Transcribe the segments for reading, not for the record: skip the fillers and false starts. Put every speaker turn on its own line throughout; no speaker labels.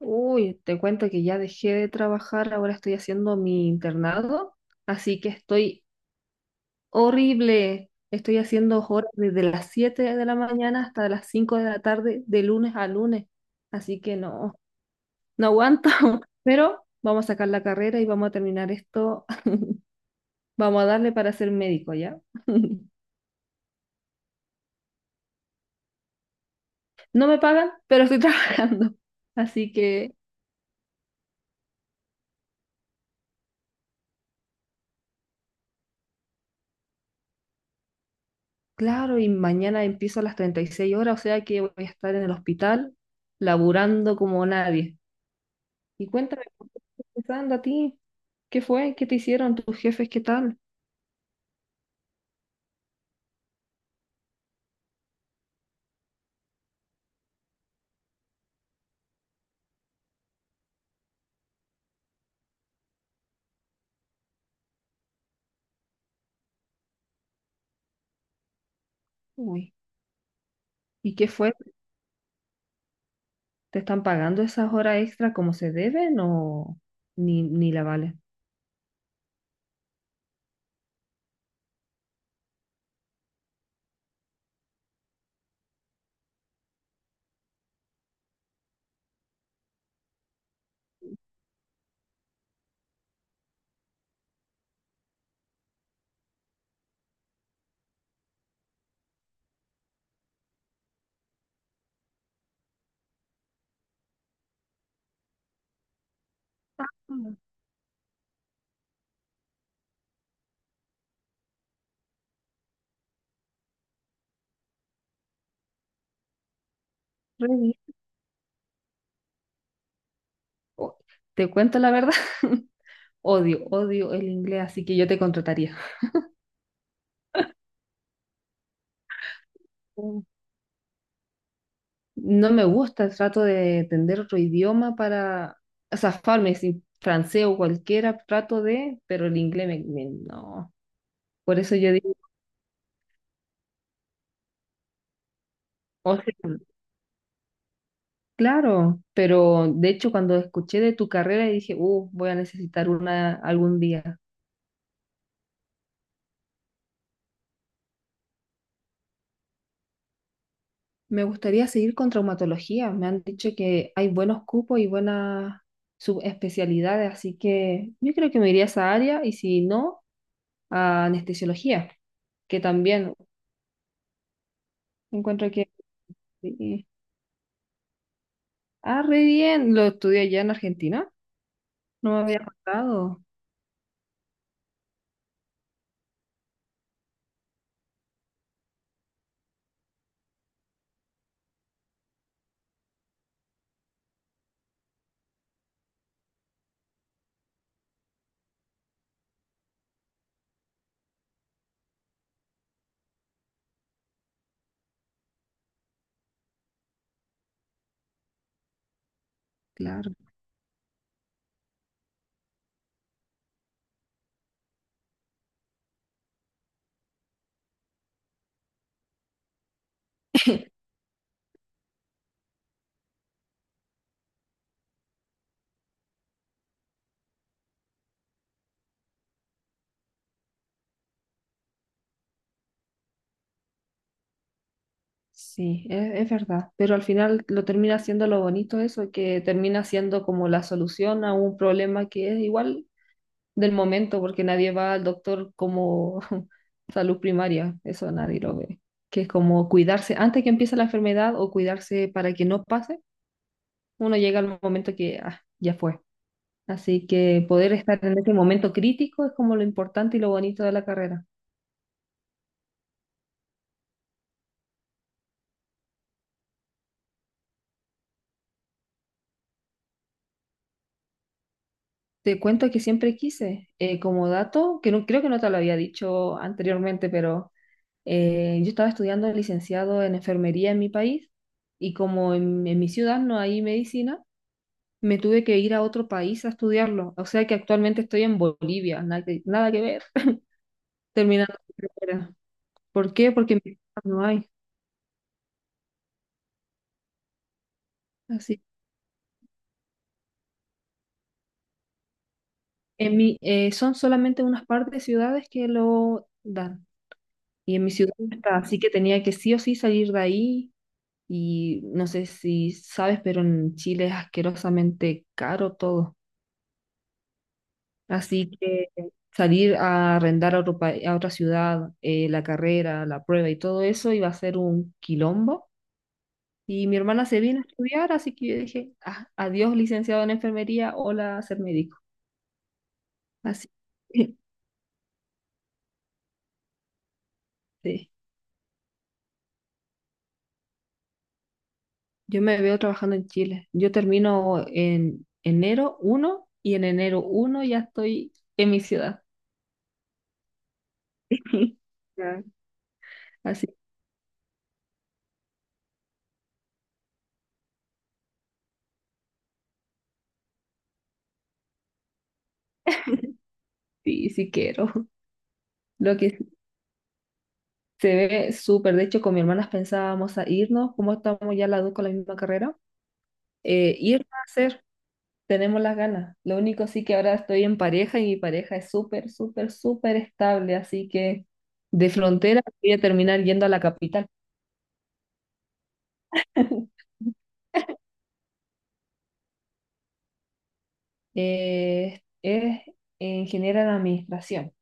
Uy, te cuento que ya dejé de trabajar, ahora estoy haciendo mi internado, así que estoy horrible. Estoy haciendo horas desde las 7 de la mañana hasta las 5 de la tarde, de lunes a lunes. Así que no, no aguanto, pero vamos a sacar la carrera y vamos a terminar esto. Vamos a darle para ser médico, ¿ya? No me pagan, pero estoy trabajando. Así que claro, y mañana empiezo a las 36 horas, o sea que voy a estar en el hospital laburando como nadie. Y cuéntame, ¿por qué estás empezando a ti? ¿Qué fue? ¿Qué te hicieron tus jefes? ¿Qué tal? Uy, ¿y qué fue? ¿Te están pagando esas horas extra como se deben o ni la vale? Ah, re bien. O- Te cuento la verdad, odio, odio el inglés, así que yo te contrataría. No me gusta, trato de entender otro idioma para zafarme, si francés o cualquiera, trato de, pero el inglés no. Por eso yo digo, o sea, claro, pero de hecho cuando escuché de tu carrera dije, voy a necesitar una algún día. Me gustaría seguir con traumatología, me han dicho que hay buenos cupos y buenas subespecialidades, así que yo creo que me iría a esa área y si no, a anestesiología, que también encuentro que, sí. Ah, re bien. Lo estudié allá en Argentina. No me había, sí, contado. Claro. Sí, es verdad. Pero al final lo termina siendo lo bonito eso, que termina siendo como la solución a un problema que es igual del momento, porque nadie va al doctor como salud primaria. Eso nadie lo ve. Que es como cuidarse antes que empiece la enfermedad o cuidarse para que no pase. Uno llega al momento que ah, ya fue. Así que poder estar en ese momento crítico es como lo importante y lo bonito de la carrera. Te cuento que siempre quise, como dato, que no, creo que no te lo había dicho anteriormente, pero yo estaba estudiando licenciado en enfermería en mi país y como en mi ciudad no hay medicina, me tuve que ir a otro país a estudiarlo. O sea que actualmente estoy en Bolivia, nada que ver, terminando mi carrera. ¿Por qué? Porque en mi ciudad no hay. Así. Son solamente unas par de ciudades que lo dan y en mi ciudad no está, así que tenía que sí o sí salir de ahí. Y no sé si sabes, pero en Chile es asquerosamente caro todo. Así que salir a arrendar a otra ciudad, la carrera, la prueba y todo eso iba a ser un quilombo. Y mi hermana se vino a estudiar, así que yo dije, "Ah, adiós, licenciado en enfermería, hola, ser médico". Así que sí, yo me veo trabajando en Chile. Yo termino en enero 1 y en enero 1 ya estoy en mi ciudad. Ya. Así Sí, sí quiero. Lo que se ve súper. De hecho, con mi hermana pensábamos a irnos, como estamos ya las dos con la misma carrera, ir a hacer. Tenemos las ganas. Lo único sí que ahora estoy en pareja y mi pareja es súper, súper, súper estable. Así que de frontera voy a terminar yendo a la capital. Es ingeniera en administración.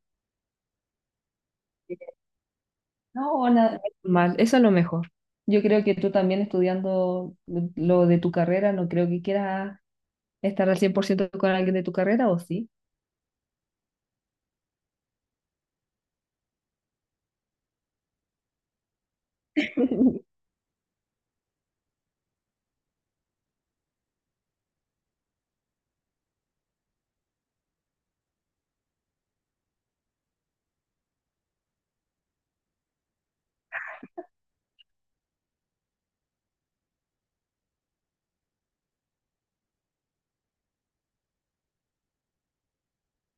Eh, No, nada mal. Eso es lo mejor. Yo creo que tú también estudiando lo de tu carrera, no creo que quieras estar al 100% con alguien de tu carrera o sí.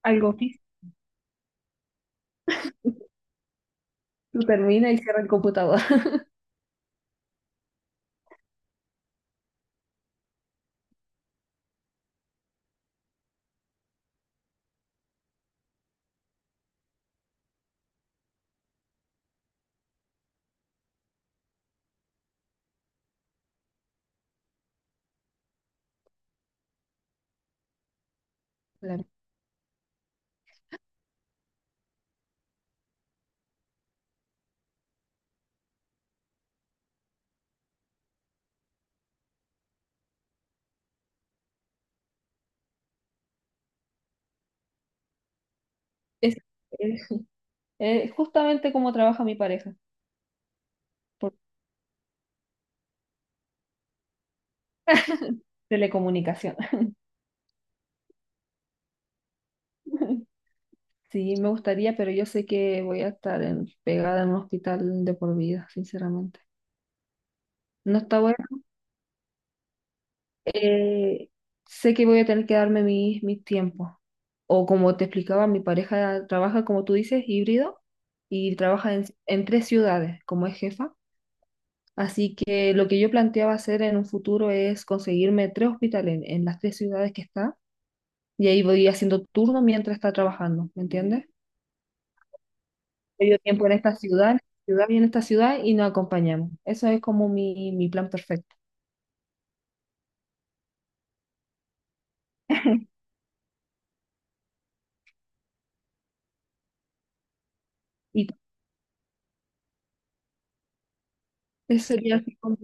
Algo físico. Tú termina y cierra el computador. Claro. Es, es- es justamente como trabaja mi pareja, por telecomunicación. Sí, me gustaría, pero yo sé que voy a estar pegada en un hospital de por vida, sinceramente. No está bueno. Eh, Sé que voy a tener que darme mis tiempos. O como te explicaba, mi pareja trabaja, como tú dices, híbrido y trabaja en tres ciudades, como es jefa. Así que lo que yo planteaba hacer en un futuro es conseguirme tres hospitales en las tres ciudades que está y ahí voy haciendo turno mientras está trabajando, ¿me entiendes? Medio tiempo en esta ciudad y en esta ciudad y nos acompañamos. Eso es como mi plan perfecto. Y ese sería así como,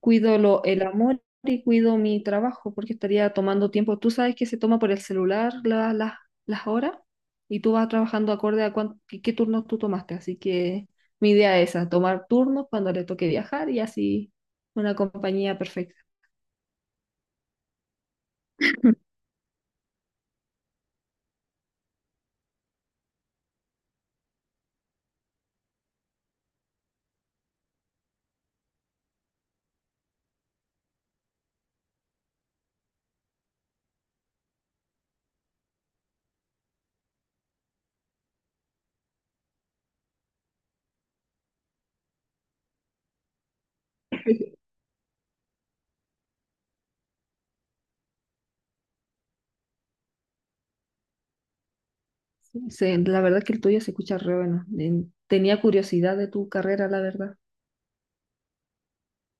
cuido el amor y cuido mi trabajo, porque estaría tomando tiempo. Tú sabes que se toma por el celular las horas y tú vas trabajando acorde a qué turnos tú tomaste. Así que mi idea es esa, tomar turnos cuando le toque viajar y así una compañía perfecta. Sí, la verdad es que el tuyo se escucha re bueno. Tenía curiosidad de tu carrera, la verdad.